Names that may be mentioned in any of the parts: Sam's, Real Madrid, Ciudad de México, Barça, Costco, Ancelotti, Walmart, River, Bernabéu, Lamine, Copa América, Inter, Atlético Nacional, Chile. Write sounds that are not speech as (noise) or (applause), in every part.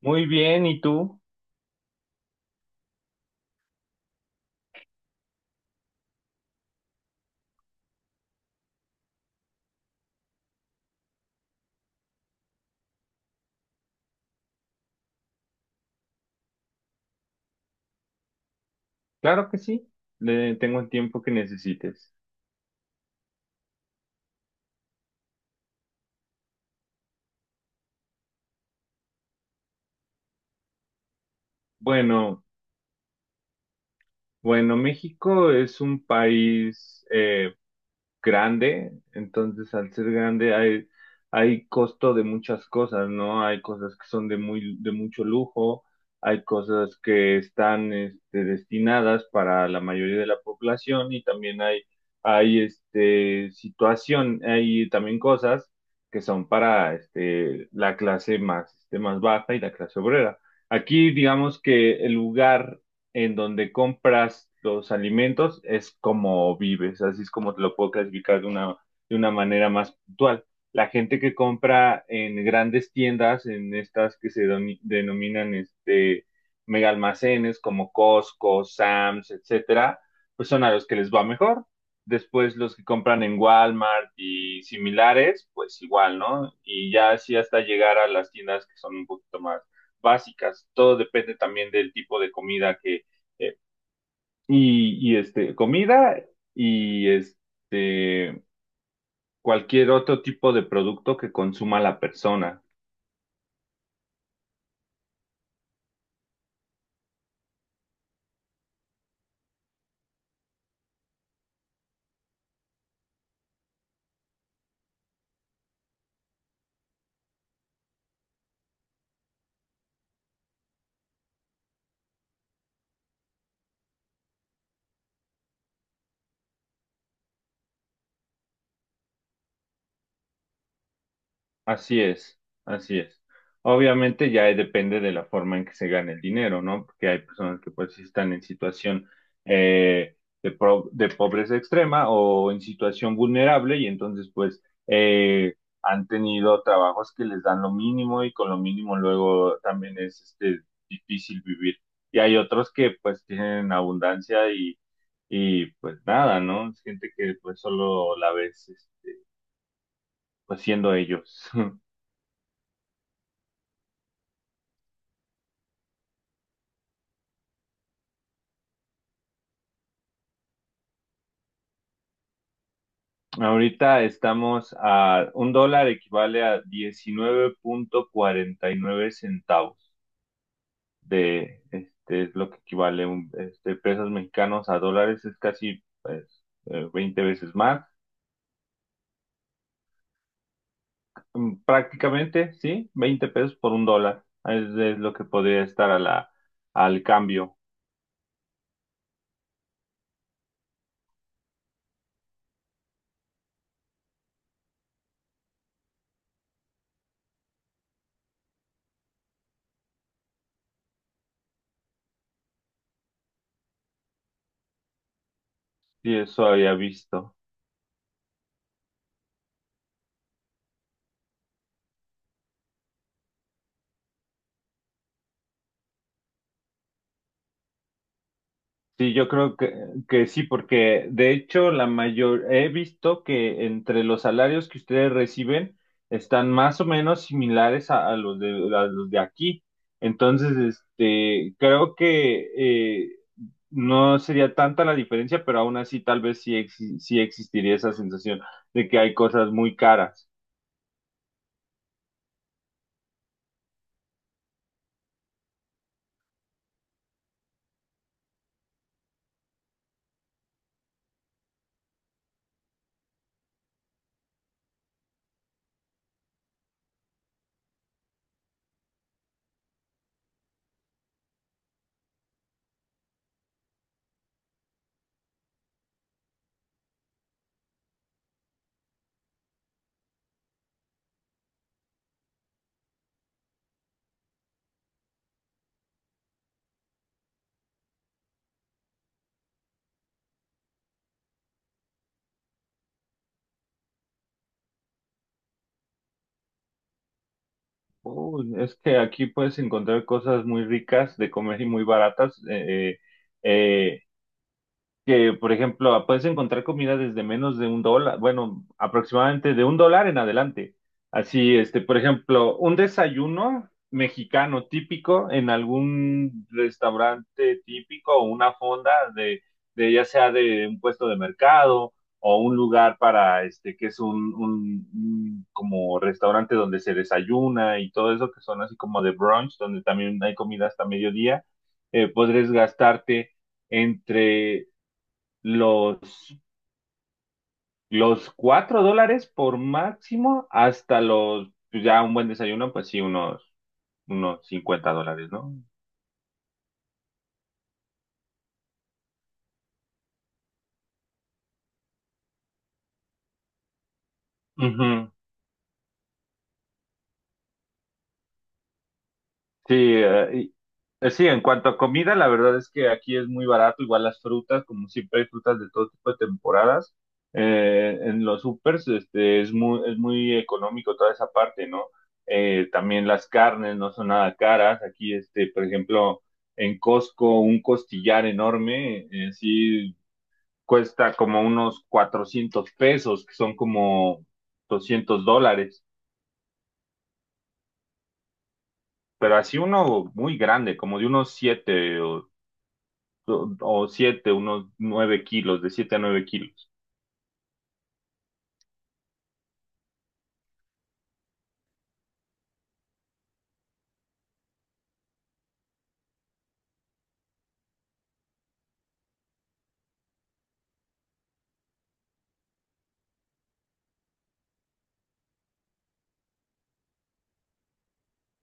Muy bien, ¿y tú? Claro que sí, le tengo el tiempo que necesites. Bueno, bueno, México es un país, grande, entonces al ser grande hay costo de muchas cosas, ¿no? Hay cosas que son de mucho lujo, hay cosas que están destinadas para la mayoría de la población y también hay situación, hay también cosas que son para la clase más baja y la clase obrera. Aquí digamos que el lugar en donde compras los alimentos es como vives, así es como te lo puedo clasificar de una manera más puntual. La gente que compra en grandes tiendas, en estas que se denominan mega almacenes como Costco, Sam's, etcétera, pues son a los que les va mejor. Después los que compran en Walmart y similares, pues igual, ¿no? Y ya así hasta llegar a las tiendas que son un poquito más básicas. Todo depende también del tipo de comida que, eh, y comida y cualquier otro tipo de producto que consuma la persona. Así es, así es. Obviamente ya depende de la forma en que se gane el dinero, ¿no? Porque hay personas que pues sí están en situación eh, de pobreza extrema o en situación vulnerable y entonces pues eh, han tenido trabajos que les dan lo mínimo y con lo mínimo luego también es difícil vivir. Y hay otros que pues tienen abundancia y pues nada, ¿no? Es gente que pues solo la ves es, pues siendo ellos. (laughs) Ahorita estamos a un dólar equivale a 19.49 centavos de este es lo que equivale pesos mexicanos a dólares es casi pues, 20 veces más. Mm, prácticamente sí 20 pesos por un dólar es lo que podría estar a la al cambio si eso había visto. Sí, yo creo que sí, porque de hecho he visto que entre los salarios que ustedes reciben están más o menos similares a los de aquí. Entonces, creo que eh, no sería tanta la diferencia, pero aún así tal vez sí, sí existiría esa sensación de que hay cosas muy caras. Uy, es que aquí puedes encontrar cosas muy ricas de comer y muy baratas. Eh, que, por ejemplo, puedes encontrar comida desde menos de un dólar, bueno, aproximadamente de un dólar en adelante. Así, por ejemplo, un desayuno mexicano típico en algún restaurante típico o una fonda de ya sea de un puesto de mercado o un lugar para que es un como restaurante donde se desayuna y todo eso, que son así como de brunch, donde también hay comida hasta mediodía, podrías gastarte entre los, los $4 por máximo hasta los, pues, ya un buen desayuno, pues sí, unos $50, ¿no? Ujú. Sí, sí, en cuanto a comida, la verdad es que aquí es muy barato, igual las frutas, como siempre hay frutas de todo tipo de temporadas, en los supers, es muy económico toda esa parte, ¿no? También las carnes no son nada caras, aquí, por ejemplo, en Costco, un costillar enorme, sí cuesta como unos 400 pesos, que son como $200, pero así uno muy grande, como de unos 7 o siete, unos nueve kilos, de 7 a 9 kilos.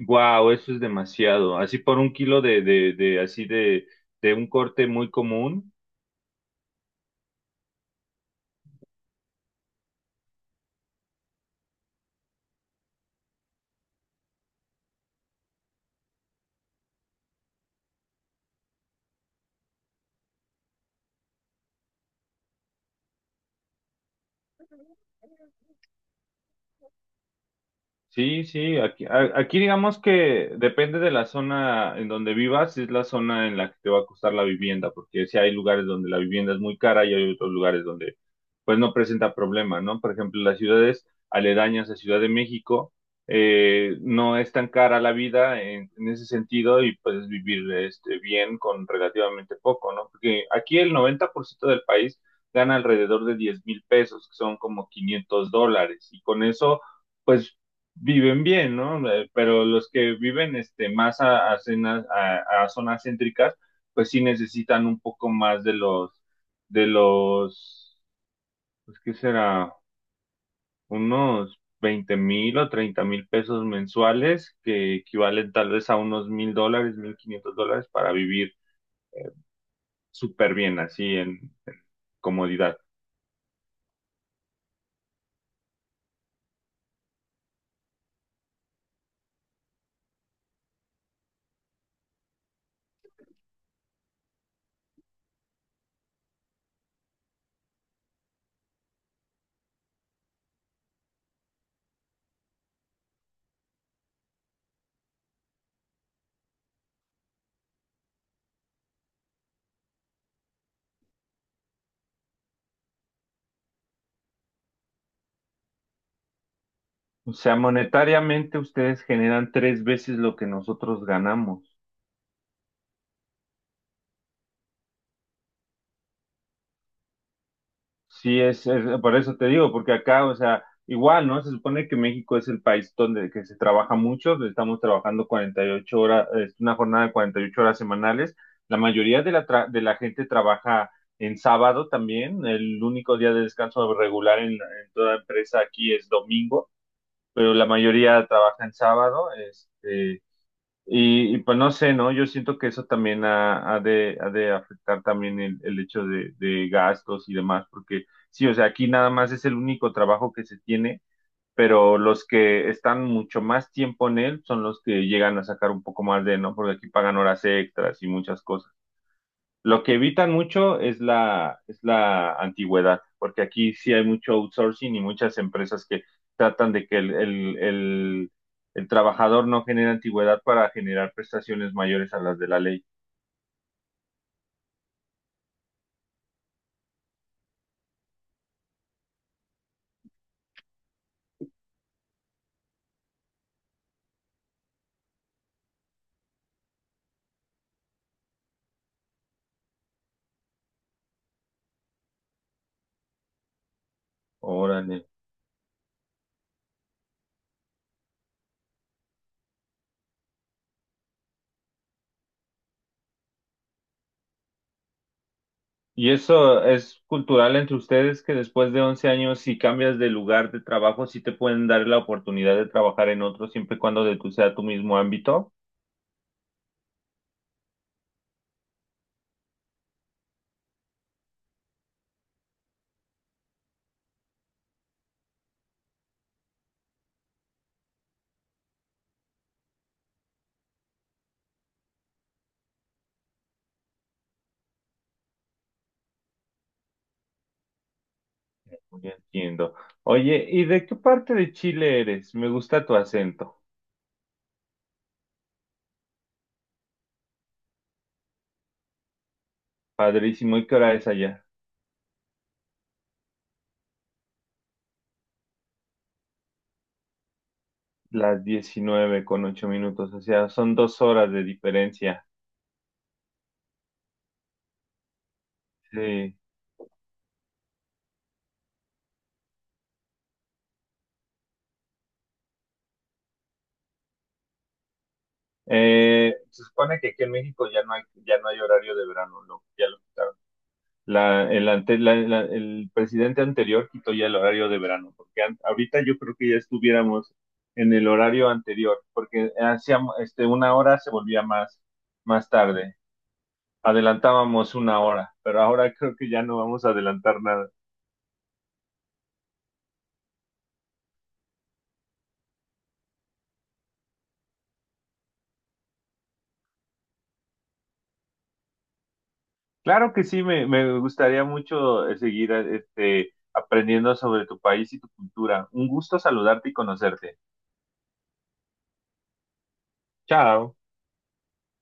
Wow, eso es demasiado. Así por un kilo de un corte muy común. Sí, sí, aquí, aquí digamos que depende de la zona en donde vivas, es la zona en la que te va a costar la vivienda, porque si hay lugares donde la vivienda es muy cara y hay otros lugares donde pues no presenta problema, ¿no? Por ejemplo, las ciudades aledañas a Ciudad de México, no es tan cara la vida en ese sentido y puedes vivir bien con relativamente poco, ¿no? Porque aquí el 90% del país gana alrededor de 10,000 pesos, que son como $500, y con eso pues viven bien, ¿no? Pero los que viven más a zonas céntricas, pues sí necesitan un poco más de los, pues qué será, unos 20,000 o 30,000 pesos mensuales, que equivalen tal vez a unos $1,000, $1,500 para vivir eh, súper bien, así en comodidad. O sea, monetariamente ustedes generan 3 veces lo que nosotros ganamos. Sí, por eso te digo, porque acá, o sea, igual, ¿no? Se supone que México es el país donde que se trabaja mucho, estamos trabajando 48 horas, es una jornada de 48 horas semanales. La mayoría de la gente trabaja en sábado también, el único día de descanso regular en toda empresa aquí es domingo, pero la mayoría trabaja en sábado, pues no sé, ¿no? Yo siento que eso también ha de afectar también el hecho de gastos y demás, porque sí, o sea, aquí nada más es el único trabajo que se tiene, pero los que están mucho más tiempo en él son los que llegan a sacar un poco más de, ¿no? Porque aquí pagan horas extras y muchas cosas. Lo que evitan mucho es la antigüedad, porque aquí sí hay mucho outsourcing y muchas empresas que tratan de que el trabajador no genere antigüedad para generar prestaciones mayores a las de la ley. Órale. ¿Y eso es cultural entre ustedes que después de 11 años, si cambias de lugar de trabajo, sí te pueden dar la oportunidad de trabajar en otro siempre y cuando de tu sea tu mismo ámbito? Ya entiendo. Oye, ¿y de qué parte de Chile eres? Me gusta tu acento. Padrísimo. ¿Y qué hora es allá? Las 19:08, o sea, son 2 horas de diferencia. Sí. Se supone que aquí en México ya no hay horario de verano, ¿no? Ya lo quitaron. La, el, ante- la- la- el presidente anterior quitó ya el horario de verano, porque ahorita yo creo que ya estuviéramos en el horario anterior, porque hacíamos, una hora se volvía más, más tarde. Adelantábamos una hora, pero ahora creo que ya no vamos a adelantar nada. Claro que sí, me gustaría mucho seguir aprendiendo sobre tu país y tu cultura. Un gusto saludarte y conocerte. Chao.